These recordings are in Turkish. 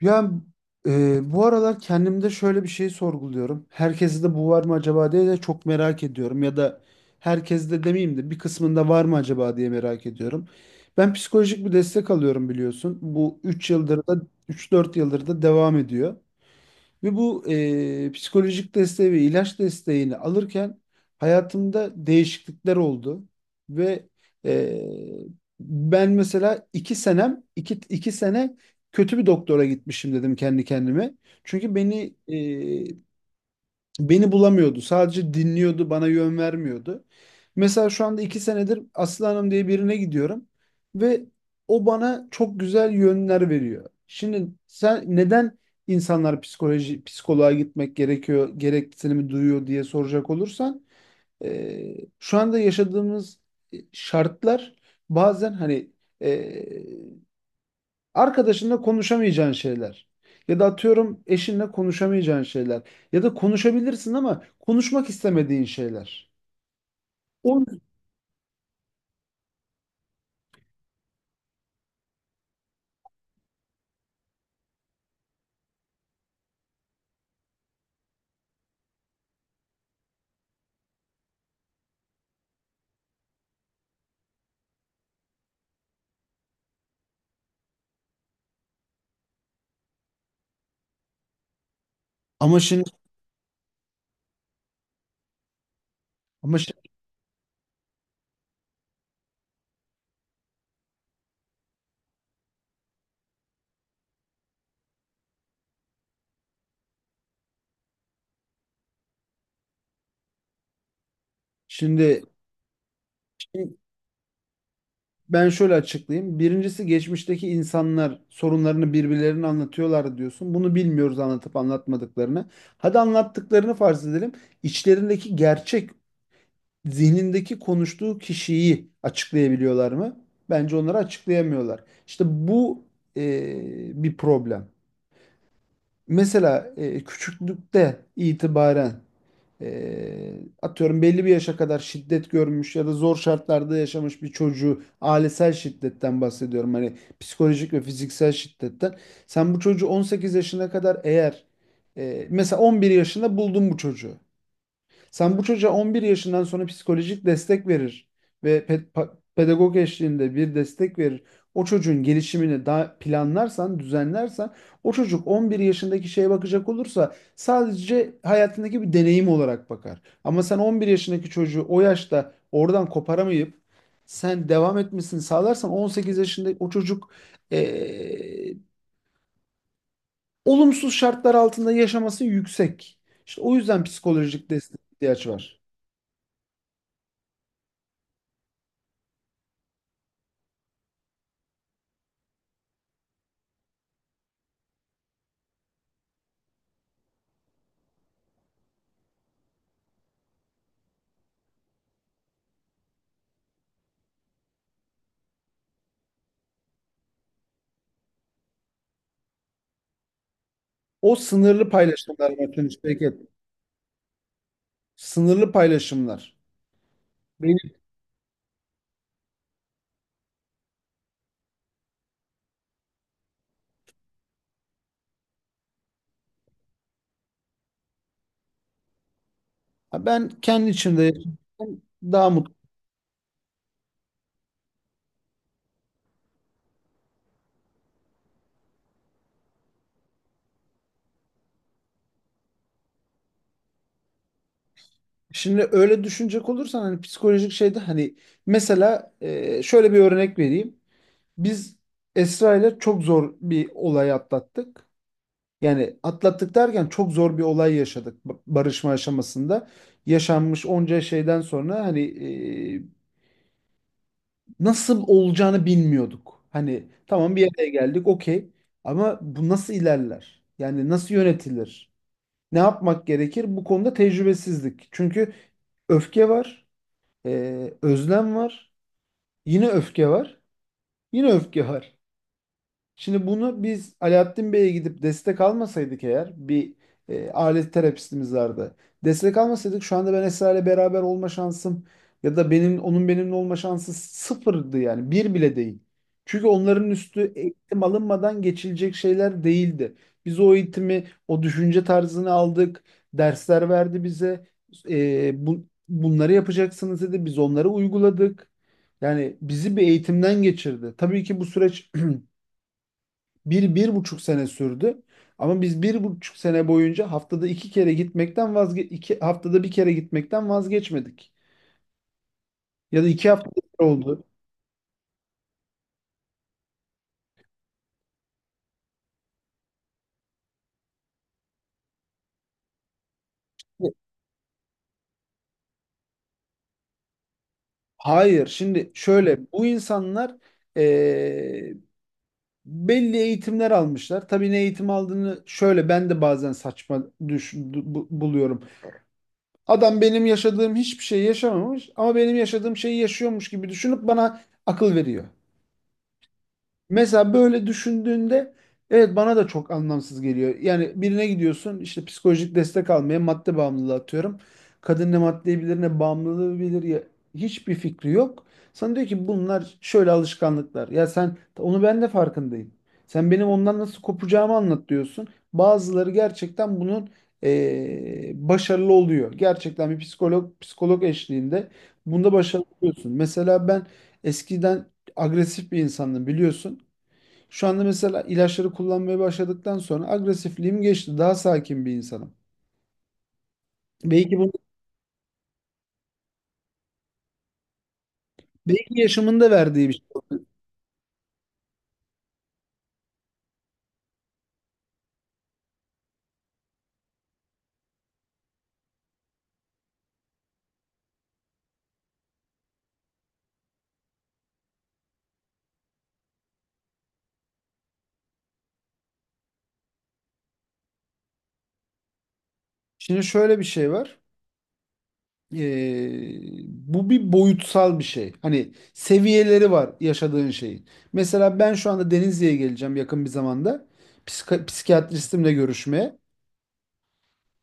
Ya bu aralar kendimde şöyle bir şey sorguluyorum. Herkeste de bu var mı acaba diye de çok merak ediyorum. Ya da herkeste de demeyeyim de bir kısmında var mı acaba diye merak ediyorum. Ben psikolojik bir destek alıyorum, biliyorsun. Bu 3-4 yıldır da devam ediyor. Ve bu psikolojik desteği ve ilaç desteğini alırken hayatımda değişiklikler oldu. Ve e, Ben mesela 2 sene kötü bir doktora gitmişim dedim kendi kendime. Çünkü beni bulamıyordu. Sadece dinliyordu, bana yön vermiyordu. Mesela şu anda 2 senedir Aslı Hanım diye birine gidiyorum ve o bana çok güzel yönler veriyor. Şimdi sen, neden insanlar psikoloğa gitmek gerekiyor, gereksinimi duyuyor diye soracak olursan, şu anda yaşadığımız şartlar bazen hani arkadaşınla konuşamayacağın şeyler. Ya da atıyorum eşinle konuşamayacağın şeyler. Ya da konuşabilirsin ama konuşmak istemediğin şeyler. O ama şimdi ama şi- şimdi, şimdi ben şöyle açıklayayım. Birincisi, geçmişteki insanlar sorunlarını birbirlerine anlatıyorlar diyorsun. Bunu bilmiyoruz, anlatıp anlatmadıklarını. Hadi anlattıklarını farz edelim. İçlerindeki gerçek, zihnindeki konuştuğu kişiyi açıklayabiliyorlar mı? Bence onları açıklayamıyorlar. İşte bu bir problem. Mesela küçüklükte itibaren, e, atıyorum belli bir yaşa kadar şiddet görmüş ya da zor şartlarda yaşamış bir çocuğu, ailesel şiddetten bahsediyorum. Hani psikolojik ve fiziksel şiddetten. Sen bu çocuğu 18 yaşına kadar eğer mesela 11 yaşında buldun bu çocuğu. Sen bu çocuğa 11 yaşından sonra psikolojik destek verir ve pedagog eşliğinde bir destek verir. O çocuğun gelişimini daha planlarsan, düzenlersen, o çocuk 11 yaşındaki şeye bakacak olursa sadece hayatındaki bir deneyim olarak bakar. Ama sen 11 yaşındaki çocuğu o yaşta oradan koparamayıp sen devam etmesini sağlarsan, 18 yaşında o çocuk eee, olumsuz şartlar altında yaşaması yüksek. İşte o yüzden psikolojik destek ihtiyaç var. O sınırlı paylaşımlar, Metin Şevket. Sınırlı paylaşımlar. Benim, Ha, ben kendi içimde yaşarsam daha mutlu. Şimdi öyle düşünecek olursan hani psikolojik şeyde, hani mesela şöyle bir örnek vereyim. Biz Esra ile çok zor bir olay atlattık. Yani atlattık derken çok zor bir olay yaşadık, barışma aşamasında. Yaşanmış onca şeyden sonra hani e, nasıl olacağını bilmiyorduk. Hani tamam, bir araya geldik, okey, ama bu nasıl ilerler? Yani nasıl yönetilir? Ne yapmak gerekir? Bu konuda tecrübesizlik. Çünkü öfke var, özlem var, yine öfke var, yine öfke var. Şimdi bunu biz Alaaddin Bey'e gidip destek almasaydık eğer, bir alet terapistimiz vardı. Destek almasaydık, şu anda ben Esra ile beraber olma şansım ya da benim onun benimle olma şansı sıfırdı, yani bir bile değil. Çünkü onların üstü eğitim alınmadan geçilecek şeyler değildi. Biz o eğitimi, o düşünce tarzını aldık. Dersler verdi bize. Bunları yapacaksınız dedi. Biz onları uyguladık. Yani bizi bir eğitimden geçirdi. Tabii ki bu süreç bir, 1,5 sene sürdü. Ama biz 1,5 sene boyunca haftada iki kere gitmekten vazge 2 haftada bir kere gitmekten vazgeçmedik. Ya da 2 haftada bir oldu. Hayır, şimdi şöyle, bu insanlar eee, belli eğitimler almışlar. Tabii ne eğitim aldığını, şöyle ben de bazen saçma buluyorum. Adam benim yaşadığım hiçbir şey yaşamamış ama benim yaşadığım şeyi yaşıyormuş gibi düşünüp bana akıl veriyor. Mesela böyle düşündüğünde evet, bana da çok anlamsız geliyor. Yani birine gidiyorsun işte psikolojik destek almaya, madde bağımlılığı atıyorum. Kadın ne maddeyi bilir ne bağımlılığı bilir, ya hiçbir fikri yok. Sana diyor ki bunlar şöyle alışkanlıklar. Ya sen onu, ben de farkındayım. Sen benim ondan nasıl kopacağımı anlat, diyorsun. Bazıları gerçekten bunun başarılı oluyor. Gerçekten bir psikolog eşliğinde bunda başarılı oluyorsun. Mesela ben eskiden agresif bir insandım, biliyorsun. Şu anda mesela ilaçları kullanmaya başladıktan sonra agresifliğim geçti. Daha sakin bir insanım. Belki bunu belki yaşamında verdiği bir şey. Şimdi şöyle bir şey var. Ee, bu bir boyutsal bir şey. Hani seviyeleri var yaşadığın şeyin. Mesela ben şu anda Denizli'ye geleceğim yakın bir zamanda. Psikiyatristimle görüşmeye.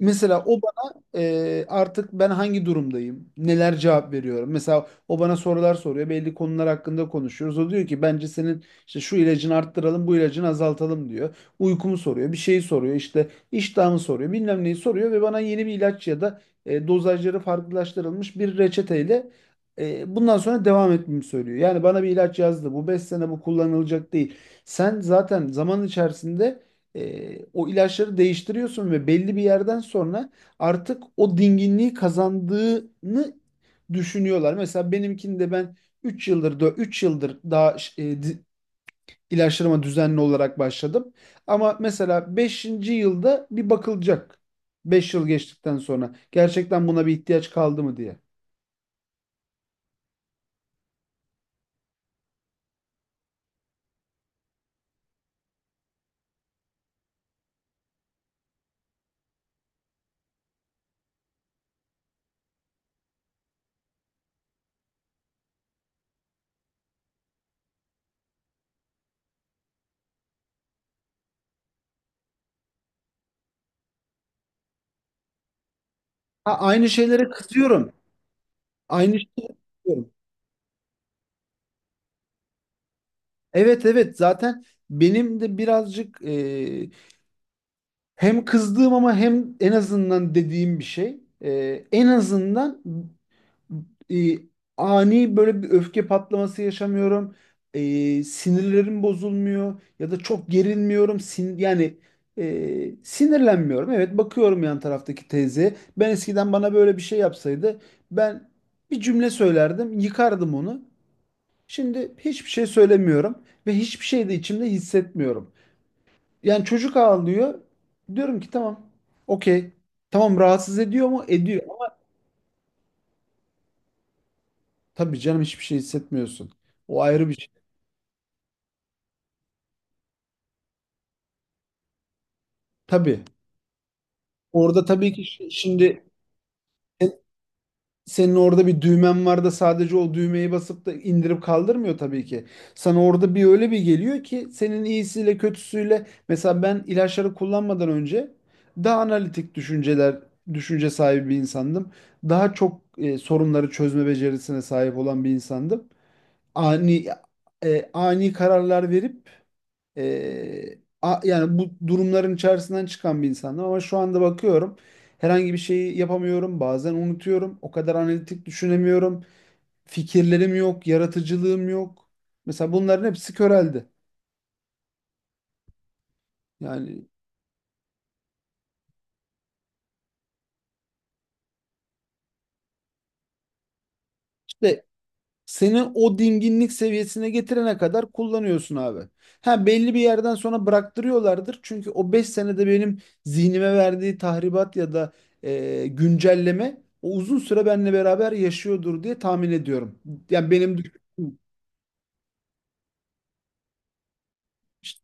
Mesela o bana artık ben hangi durumdayım, neler cevap veriyorum. Mesela o bana sorular soruyor, belli konular hakkında konuşuyoruz. O diyor ki bence senin işte şu ilacını arttıralım, bu ilacını azaltalım diyor. Uykumu soruyor, bir şeyi soruyor, işte iştahımı soruyor, bilmem neyi soruyor ve bana yeni bir ilaç ya da dozajları farklılaştırılmış bir reçeteyle bundan sonra devam etmemi söylüyor. Yani bana bir ilaç yazdı, bu 5 sene bu kullanılacak değil. Sen zaten zaman içerisinde o ilaçları değiştiriyorsun ve belli bir yerden sonra artık o dinginliği kazandığını düşünüyorlar. Mesela benimkinde ben 3 yıldır da 3 yıldır daha e, di- ilaçlarıma düzenli olarak başladım. Ama mesela beşinci yılda bir bakılacak. 5 yıl geçtikten sonra gerçekten buna bir ihtiyaç kaldı mı diye. Ha, aynı şeylere kızıyorum. Aynı şeylere kızıyorum. Evet, evet, zaten benim de birazcık hem kızdığım ama hem en azından dediğim bir şey. En azından e, ani böyle bir öfke patlaması yaşamıyorum. Sinirlerim bozulmuyor ya da çok gerilmiyorum. Yani sinirlenmiyorum. Evet, bakıyorum yan taraftaki teyzeye. Ben eskiden, bana böyle bir şey yapsaydı, ben bir cümle söylerdim, yıkardım onu. Şimdi hiçbir şey söylemiyorum ve hiçbir şey de içimde hissetmiyorum. Yani çocuk ağlıyor. Diyorum ki tamam. Okey. Tamam, rahatsız ediyor mu? Ediyor. Tabii canım, hiçbir şey hissetmiyorsun. O ayrı bir şey. Tabii. Orada tabii ki şimdi, sen- senin orada bir düğmen var da sadece o düğmeyi basıp da indirip kaldırmıyor tabii ki. Sana orada bir öyle bir geliyor ki, senin iyisiyle kötüsüyle, mesela ben ilaçları kullanmadan önce daha analitik düşünce sahibi bir insandım. Daha çok sorunları çözme becerisine sahip olan bir insandım. ani ani kararlar verip, yani bu durumların içerisinden çıkan bir insandım, ama şu anda bakıyorum herhangi bir şeyi yapamıyorum, bazen unutuyorum, o kadar analitik düşünemiyorum, fikirlerim yok, yaratıcılığım yok, mesela bunların hepsi köreldi, yani işte. Seni o dinginlik seviyesine getirene kadar kullanıyorsun, abi. Ha, belli bir yerden sonra bıraktırıyorlardır. Çünkü o 5 senede benim zihnime verdiği tahribat ya da güncelleme o uzun süre benimle beraber yaşıyordur diye tahmin ediyorum. Yani benim işte,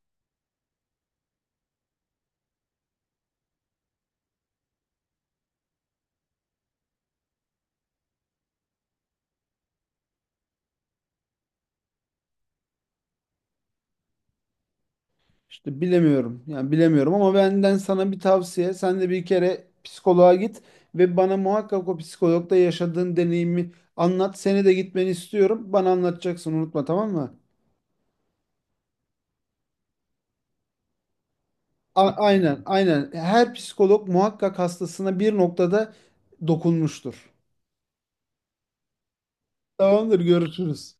işte bilemiyorum. Yani bilemiyorum, ama benden sana bir tavsiye. Sen de bir kere psikoloğa git ve bana muhakkak o psikologda yaşadığın deneyimi anlat. Seni de gitmeni istiyorum. Bana anlatacaksın, unutma, tamam mı? Aynen, aynen. Her psikolog muhakkak hastasına bir noktada dokunmuştur. Tamamdır, görüşürüz.